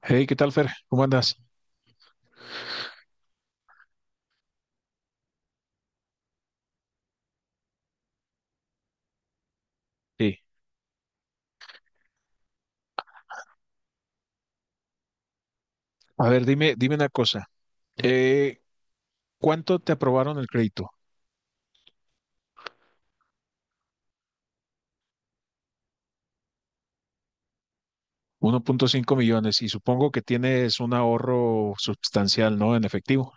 Hey, ¿qué tal, Fer? ¿Cómo andas? Sí. A ver, dime una cosa. Eh, ¿cuánto te aprobaron el crédito? 1.5 millones y supongo que tienes un ahorro sustancial, ¿no? En efectivo,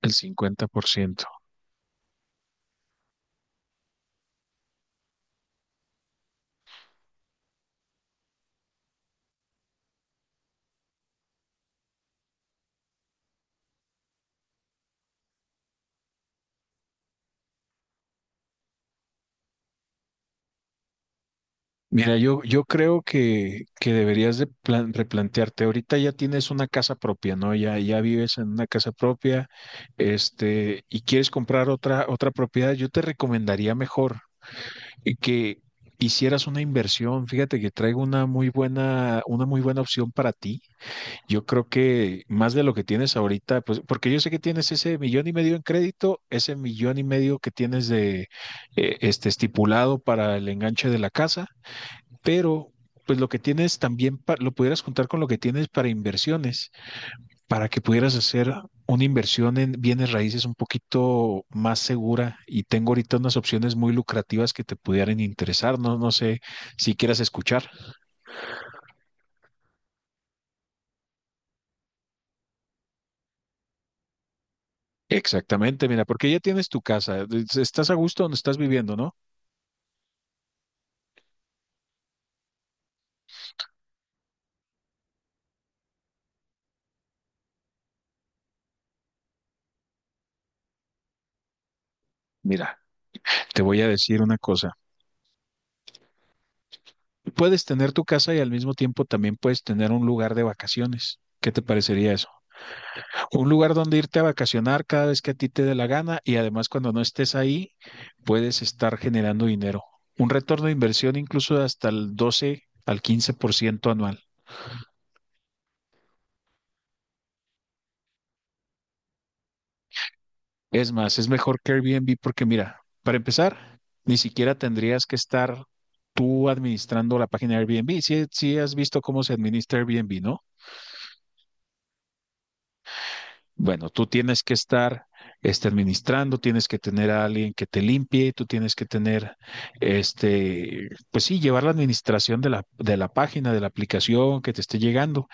el 50%. Mira, yo creo que deberías de replantearte. Ahorita ya tienes una casa propia, ¿no? Ya vives en una casa propia, y quieres comprar otra propiedad. Yo te recomendaría mejor. Que hicieras una inversión. Fíjate que traigo una muy buena opción para ti. Yo creo que más de lo que tienes ahorita, pues, porque yo sé que tienes ese 1.5 millones en crédito, ese 1.5 millones que tienes de estipulado para el enganche de la casa, pero pues lo que tienes también lo pudieras juntar con lo que tienes para inversiones para que pudieras hacer una inversión en bienes raíces un poquito más segura y tengo ahorita unas opciones muy lucrativas que te pudieran interesar, no sé si quieras escuchar. Exactamente, mira, porque ya tienes tu casa, estás a gusto donde estás viviendo, ¿no? Mira, te voy a decir una cosa. Puedes tener tu casa y al mismo tiempo también puedes tener un lugar de vacaciones. ¿Qué te parecería eso? Un lugar donde irte a vacacionar cada vez que a ti te dé la gana y además cuando no estés ahí puedes estar generando dinero. Un retorno de inversión incluso de hasta el 12 al 15% anual. Es más, es mejor que Airbnb porque mira, para empezar, ni siquiera tendrías que estar tú administrando la página de Airbnb. Si, has visto cómo se administra Airbnb, ¿no? Bueno, tú tienes que estar administrando, tienes que tener a alguien que te limpie, tú tienes que tener, pues sí, llevar la administración de la página, de la aplicación que te esté llegando.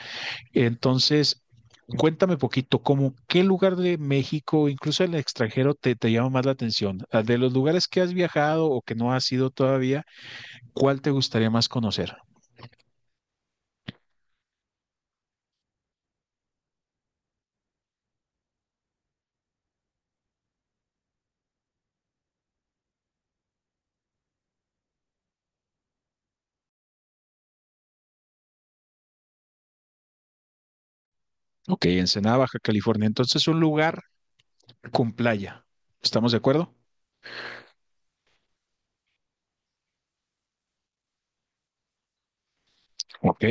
Entonces, cuéntame poquito, ¿cómo qué lugar de México, incluso el extranjero, te llama más la atención? De los lugares que has viajado o que no has ido todavía, ¿cuál te gustaría más conocer? Ok, Ensenada, Baja California. Entonces, un lugar con playa. ¿Estamos de acuerdo? Ok.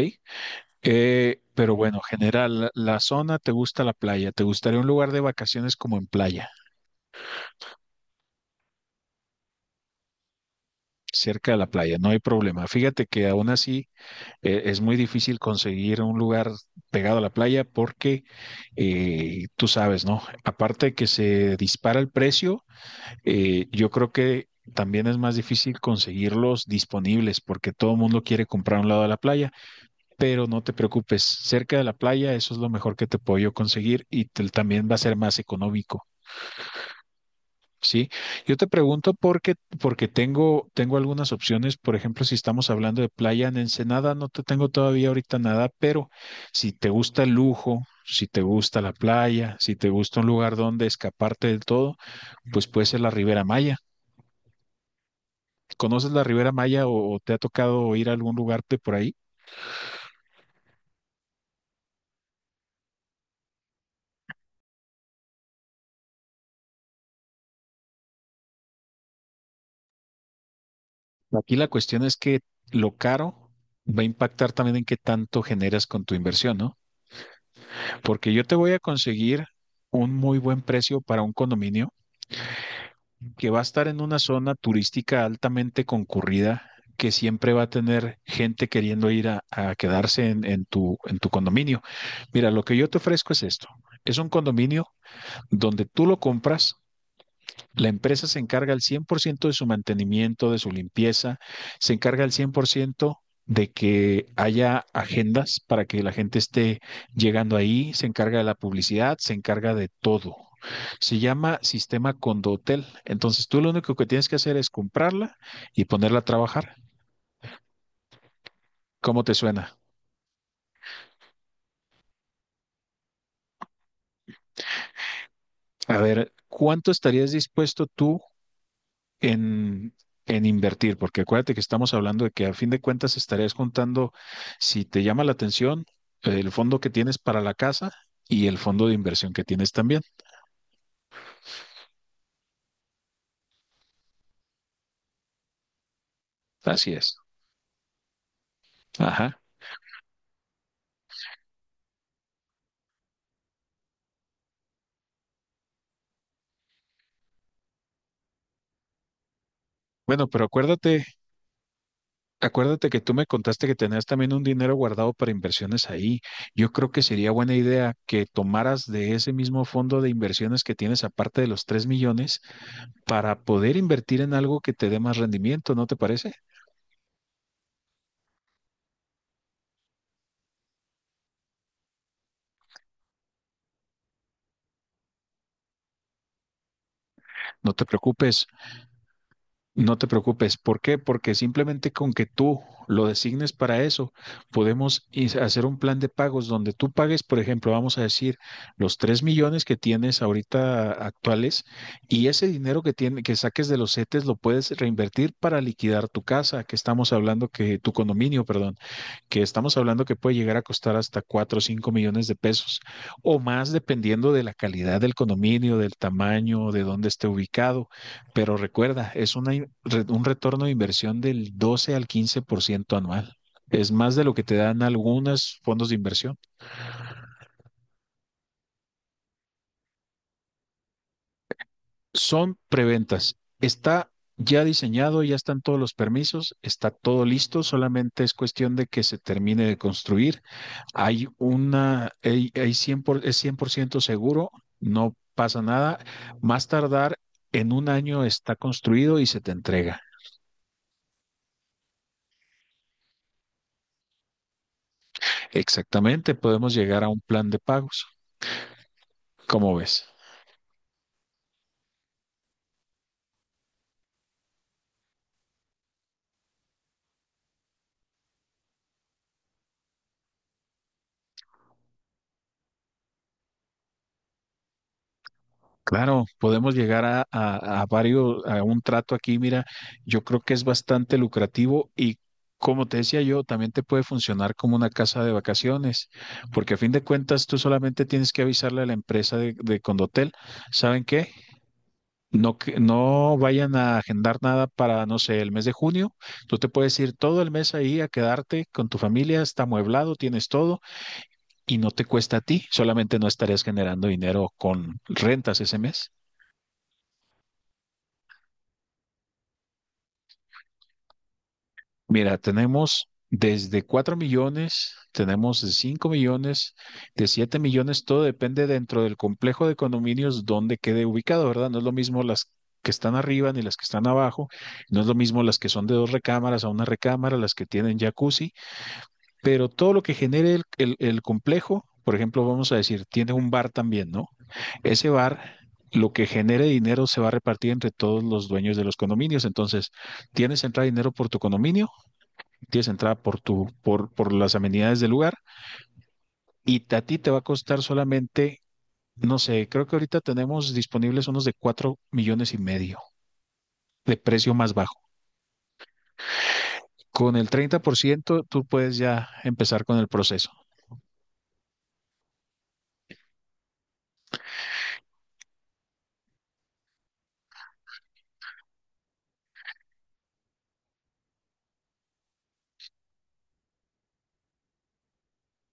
Pero bueno, general, la zona, ¿te gusta la playa? ¿Te gustaría un lugar de vacaciones como en playa, cerca de la playa? No hay problema. Fíjate que aún así es muy difícil conseguir un lugar pegado a la playa porque tú sabes, ¿no? Aparte de que se dispara el precio, yo creo que también es más difícil conseguirlos disponibles porque todo el mundo quiere comprar a un lado de la playa, pero no te preocupes, cerca de la playa eso es lo mejor que te puedo yo conseguir y también va a ser más económico. Sí, yo te pregunto porque tengo algunas opciones. Por ejemplo, si estamos hablando de playa en Ensenada, no te tengo todavía ahorita nada, pero si te gusta el lujo, si te gusta la playa, si te gusta un lugar donde escaparte del todo, pues puede ser la Ribera Maya. ¿Conoces la Ribera Maya o te ha tocado ir a algún lugar de por ahí? Aquí la cuestión es que lo caro va a impactar también en qué tanto generas con tu inversión, ¿no? Porque yo te voy a conseguir un muy buen precio para un condominio que va a estar en una zona turística altamente concurrida, que siempre va a tener gente queriendo ir a quedarse en tu condominio. Mira, lo que yo te ofrezco es esto. Es un condominio donde tú lo compras. La empresa se encarga al 100% de su mantenimiento, de su limpieza, se encarga al 100% de que haya agendas para que la gente esté llegando ahí, se encarga de la publicidad, se encarga de todo. Se llama sistema Condotel. Entonces tú lo único que tienes que hacer es comprarla y ponerla a trabajar. ¿Cómo te suena? A ver, ¿cuánto estarías dispuesto tú en, en invertir, porque acuérdate que estamos hablando de que a fin de cuentas estarías contando, si te llama la atención, el fondo que tienes para la casa y el fondo de inversión que tienes también. Así es. Ajá. Bueno, pero acuérdate que tú me contaste que tenías también un dinero guardado para inversiones ahí. Yo creo que sería buena idea que tomaras de ese mismo fondo de inversiones que tienes, aparte de los 3 millones, para poder invertir en algo que te dé más rendimiento, ¿no te parece? No te preocupes. No te preocupes. ¿Por qué? Porque simplemente con que tú lo designes para eso, podemos hacer un plan de pagos donde tú pagues, por ejemplo, vamos a decir, los 3 millones que tienes ahorita actuales y ese dinero que tiene, que saques de los CETES lo puedes reinvertir para liquidar tu casa, que estamos hablando que tu condominio, perdón, que estamos hablando que puede llegar a costar hasta 4 o 5 millones de pesos o más dependiendo de la calidad del condominio, del tamaño, de dónde esté ubicado. Pero recuerda, es un retorno de inversión del 12 al 15% anual. Es más de lo que te dan algunos fondos de inversión. Son preventas. Está ya diseñado, ya están todos los permisos, está todo listo, solamente es cuestión de que se termine de construir. Hay una, hay 100 por- es 100% seguro, no pasa nada. Más tardar en un año está construido y se te entrega. Exactamente, podemos llegar a un plan de pagos. ¿Cómo ves? Claro, podemos llegar a un trato aquí. Mira, yo creo que es bastante lucrativo y como te decía yo, también te puede funcionar como una casa de vacaciones, porque a fin de cuentas tú solamente tienes que avisarle a la empresa de Condotel. ¿Saben qué? No, no vayan a agendar nada para, no sé, el mes de junio. Tú te puedes ir todo el mes ahí a quedarte con tu familia, está amueblado, tienes todo y no te cuesta a ti, solamente no estarías generando dinero con rentas ese mes. Mira, tenemos desde 4 millones, tenemos de 5 millones, de 7 millones, todo depende dentro del complejo de condominios donde quede ubicado, ¿verdad? No es lo mismo las que están arriba ni las que están abajo, no es lo mismo las que son de 2 recámaras a una recámara, las que tienen jacuzzi, pero todo lo que genere el complejo, por ejemplo, vamos a decir, tiene un bar también, ¿no? Ese bar... Lo que genere dinero se va a repartir entre todos los dueños de los condominios. Entonces, tienes entrada de dinero por tu condominio, tienes entrada por las amenidades del lugar y a ti te va a costar solamente, no sé, creo que ahorita tenemos disponibles unos de 4.5 millones de precio más bajo. Con el 30% tú puedes ya empezar con el proceso.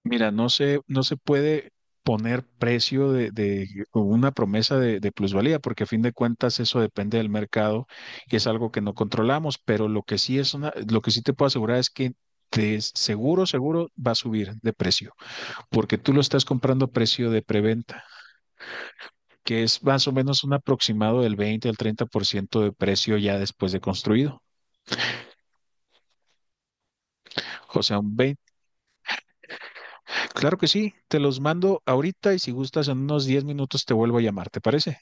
Mira, no se puede poner precio de o una promesa de plusvalía, porque a fin de cuentas eso depende del mercado y es algo que no controlamos, pero lo que sí te puedo asegurar es que de seguro, seguro va a subir de precio. Porque tú lo estás comprando a precio de preventa, que es más o menos un aproximado del 20 al 30% de precio ya después de construido. O sea, un 20. Claro que sí, te los mando ahorita y si gustas en unos 10 minutos te vuelvo a llamar, ¿te parece?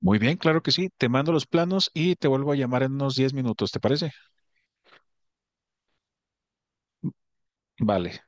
Muy bien, claro que sí, te mando los planos y te vuelvo a llamar en unos 10 minutos, ¿te parece? Vale,